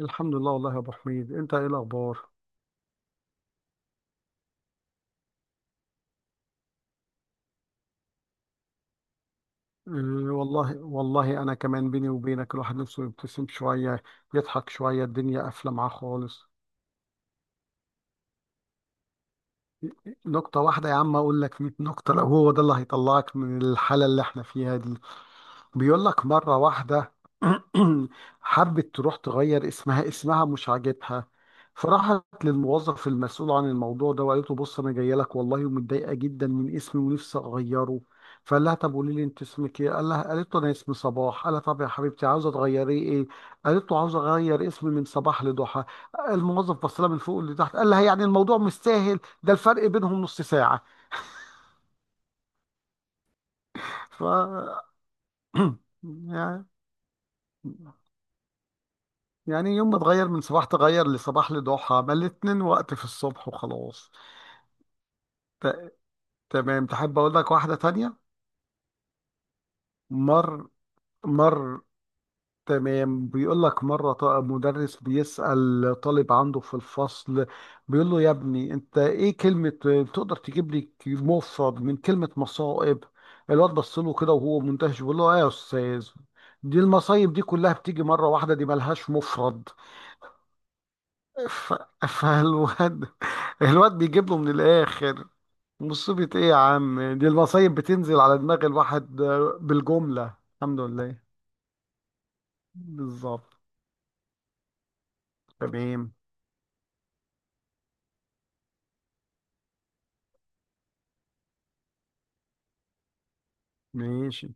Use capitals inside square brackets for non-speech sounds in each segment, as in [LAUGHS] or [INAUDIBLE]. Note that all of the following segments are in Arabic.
الحمد لله والله يا ابو حميد، انت ايه الاخبار؟ آه. والله والله انا كمان، بيني وبينك، الواحد نفسه يبتسم شويه، يضحك شويه، الدنيا قافله معاه خالص. نكته واحده يا عم؟ اقول لك 100 نكته لو هو ده اللي هيطلعك من الحاله اللي احنا فيها دي. بيقول لك مرة واحدة [CLEARS THROAT] حبت تروح تغير اسمها، اسمها مش عاجبها. فراحت للموظف المسؤول عن الموضوع ده وقالت له بص انا جايه لك والله ومتضايقه جدا من اسمي ونفسي اغيره. فقال لها طب قولي لي انت اسمك ايه؟ قالت له انا اسمي صباح. قال لها طب يا حبيبتي عاوزه تغيري ايه؟ قالت له عاوزه اغير اسمي من صباح لضحى. الموظف بص لها من فوق لتحت قال لها يعني الموضوع مش سهل، ده الفرق بينهم نص ساعه. ف [CLEARS THROAT] يعني يعني يوم ما اتغير من صباح، تغير لصباح لضحى، ما الاتنين وقت في الصبح وخلاص. ت- تمام، تحب اقول لك واحدة تانية؟ مر مر تمام. بيقول لك مرة مدرس بيسأل طالب عنده في الفصل. بيقول له يا ابني انت ايه كلمة تقدر تجيب لي مفرد من كلمة مصائب؟ الواد بص له كده وهو مندهش بيقول له ايه يا استاذ، دي المصايب دي كلها بتيجي مرة واحدة دي ملهاش مفرد. ف... فالواد بيجيب له من الاخر، مصيبة ايه يا عم دي المصايب بتنزل على دماغ الواحد بالجملة الحمد لله. بالظبط. تمام. ماشي.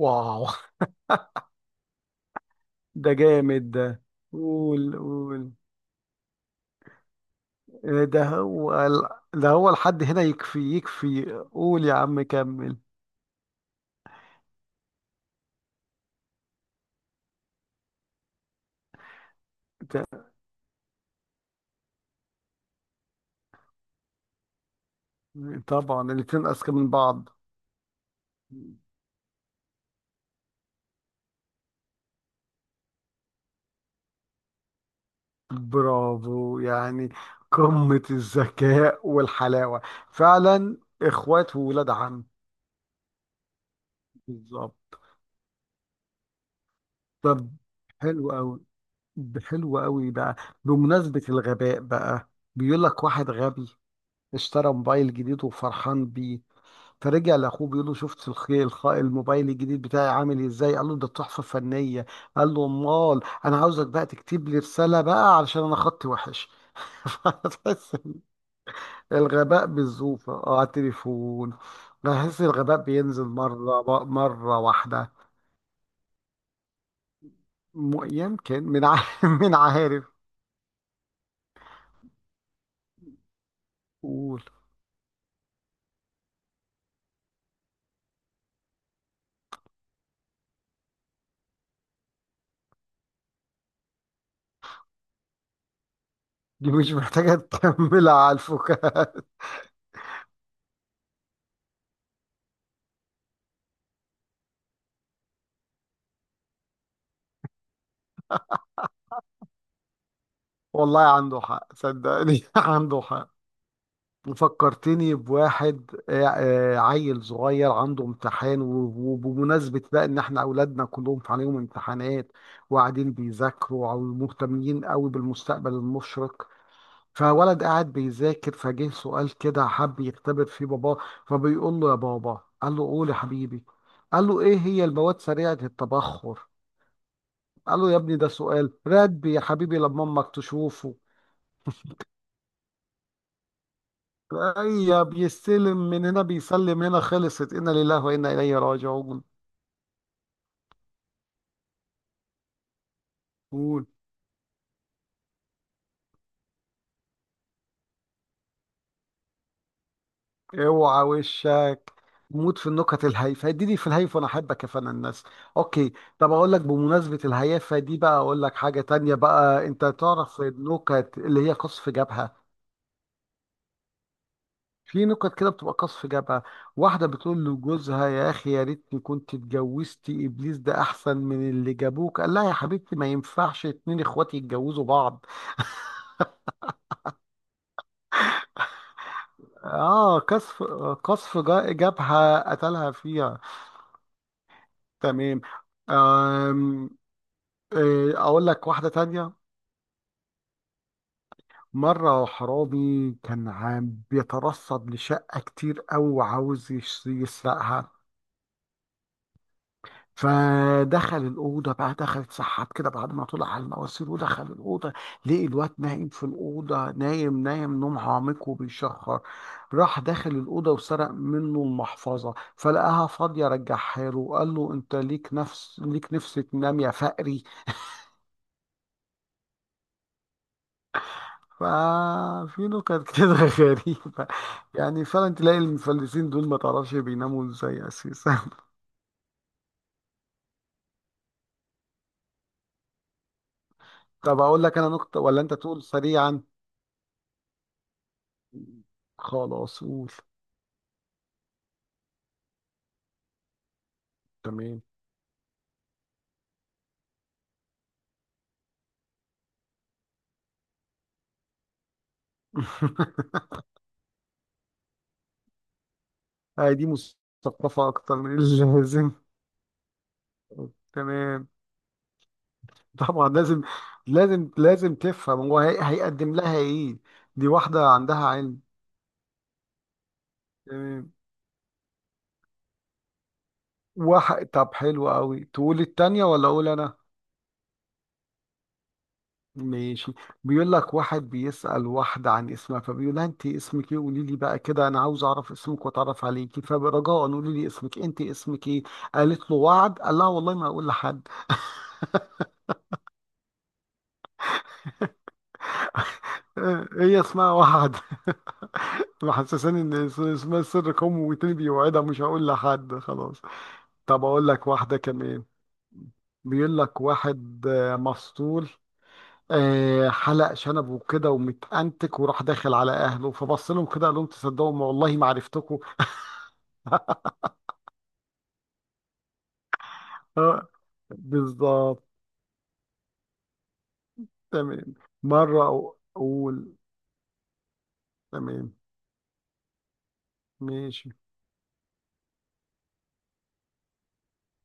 واو. ده جامد ده. قول قول. إيه ده؟ هو ده هو، لحد هنا يكفي يكفي، قول يا عم كمل. ت- طبعا الاتنين اذكى من بعض. برافو يعني، قمة الذكاء والحلاوة، فعلا، اخوات وولاد عم. بالظبط. طب حلو قوي. حلو قوي بقى. بمناسبة الغباء بقى، بيقول لك واحد غبي اشترى موبايل جديد وفرحان بيه. فرجع لاخوه بيقول له شفت الموبايل الجديد بتاعي عامل ازاي؟ قال له ده تحفة فنية. قال له امال انا عاوزك بقى تكتب لي رسالة بقى علشان انا خطي وحش. [LAUGHS] الغباء بالزوفة، اه، على التليفون. بحس الغباء بينزل مرة واحدة. يمكن [LAUGHS] من عارف. قول. دي مش محتاجة تكملها على الفكاهة. [LAUGHS] والله عنده حق صدقني [LAUGHS] عنده حق. فكرتني بواحد، عيل صغير عنده امتحان و- وبمناسبة بقى ان احنا اولادنا كلهم عليهم امتحانات وقاعدين بيذاكروا او مهتمين قوي بالمستقبل المشرق. فولد قاعد بيذاكر فجه سؤال كده حب يختبر فيه باباه. فبيقول له يا بابا. قال له قول يا حبيبي. قال له ايه هي المواد سريعة التبخر؟ قال له يا ابني ده سؤال رتبي يا حبيبي لما امك تشوفه. اي بيستلم من هنا بيسلم هنا، خلصت، انا لله وانا اليه راجعون. قول. اوعى وشك، موت في النكت الهايفه، اديني في الهايف وانا احبك يا فن الناس. اوكي. طب اقول لك بمناسبه الهيافه دي بقى، اقول لك حاجه تانية بقى. انت تعرف النكت اللي هي قصف جبهه؟ في نكت كده بتبقى قصف جبهه. واحده بتقول لجوزها يا اخي يا ريتني كنت اتجوزتي ابليس ده احسن من اللي جابوك. قال لها يا حبيبتي ما ينفعش اتنين اخواتي يتجوزوا بعض. اه قصف، قصف جبهه، قتلها فيها. تمام. آم. إيه، اقول لك واحده تانية. مره حرامي كان عام بيترصد لشقه كتير قوي وعاوز يسرقها. فدخل الاوضه بقى، دخل اتسحب كده بعد ما طلع على المواسير ودخل الاوضه. لقي الواد نايم في الاوضه، نايم نايم نوم عميق وبيشخر. راح داخل الاوضه وسرق منه المحفظه فلقاها فاضيه، رجعها له وقال له انت ليك نفس ليك نفس تنام يا فقري. ففي نكت كده [LAUGHS] غريبة، يعني فعلا تلاقي المفلسين دول ما تعرفش بيناموا ازاي اساسا. [LAUGHS] طب اقول لك انا نكتة ولا انت تقول سريعا؟ خلاص قول. تمام. [LAUGHS] هاي دي مثقفة اكتر من اللازم. تمام. طبعا لازم لازم لازم تفهم هو هيقدم لها ايه. دي واحدة عندها علم. تمام. واحد طب حلو قوي، تقول التانية ولا اقول انا؟ ماشي. بيقول لك واحد بيسأل واحدة عن اسمها. فبيقول لها انت اسمك ايه، قولي لي بقى كده انا عاوز اعرف اسمك واتعرف عليكي، فرجاء قولي لي اسمك، انت اسمك ايه؟ قالت له وعد. قال لها والله ما اقول لحد. [LAUGHS] هي اسمها وعد. [LAUGHS] محسساني ان اسمها سر قومي وتاني بيوعدها مش هقول لحد خلاص. طب اقول لك واحدة كمان. بيقول لك واحد، مسطول، حلق شنبه وكده ومتأنتك وراح داخل على اهله، فبص لهم كده قال لهم تصدقوا ما والله ما عرفتكم. [LAUGHS] آه، بالظبط. تمام. مرة أقول. تمام. ماشي.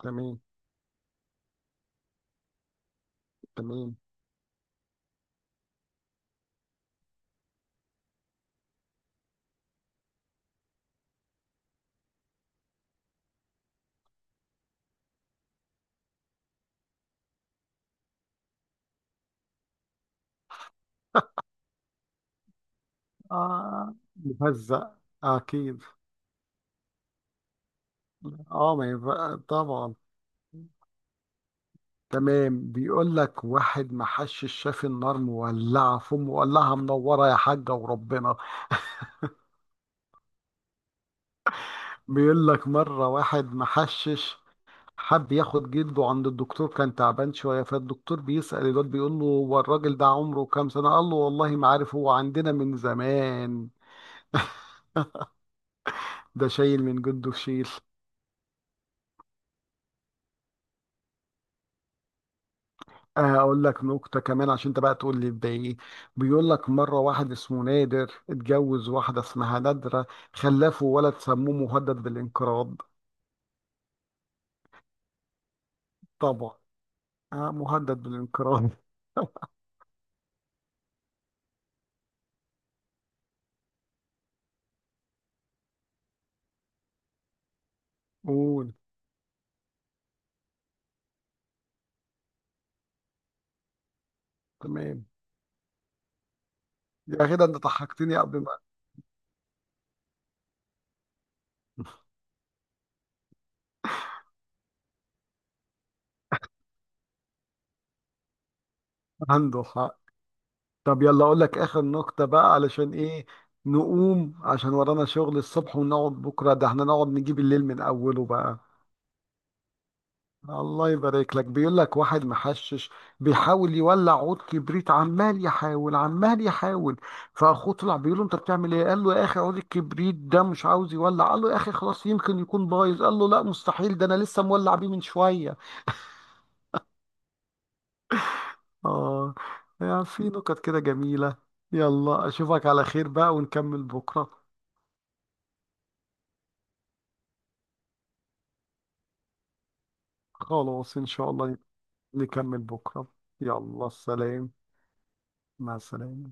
تمام. تمام. آه، مهزأ. أكيد. آه، ما ينفع طبعا. تمام. بيقول لك واحد ما حشش شاف النار مولعة، مولعة، منورة يا حاجة وربنا. [LAUGHS] بيقول لك مرة واحد ما حشش حب ياخد جلده عند الدكتور كان تعبان شوية. فالدكتور بيسأل الواد بيقول له هو الراجل ده عمره كام سنة؟ قال له والله ما عارف هو عندنا من زمان. [LAUGHS] ده شايل من جده في شيل. اقول لك نكته كمان عشان انت بقى تقول لي ده ايه. بيقول لك مره واحد اسمه نادر اتجوز واحده اسمها نادره، خلفه ولد سموه مهدد بالانقراض. طبعا. آه، مهدد بالانقراض. [LAUGHS] قول. تمام. يا غدا انت ضحكتني قبل ما هندخ طب يلا اقول لك اخر نقطة بقى، علشان ايه، نقوم عشان ورانا شغل الصبح ونقعد بكرة، ده احنا نقعد نجيب الليل من اوله بقى. الله يبارك لك. بيقول لك واحد محشش بيحاول يولع عود كبريت، عمال يحاول عمال يحاول. فاخوه طلع بيقول له انت بتعمل ايه؟ قال له يا اخي عود الكبريت ده مش عاوز يولع. قال له يا اخي خلاص يمكن يكون بايظ. قال له لا مستحيل ده انا لسه مولع بيه من شوية. اه. يعني في نكت كده جميلة. يلا اشوفك على خير بقى ونكمل بكرة. خلاص إن شاء الله. نكمل بكرة. يلا سلام. مع السلامة.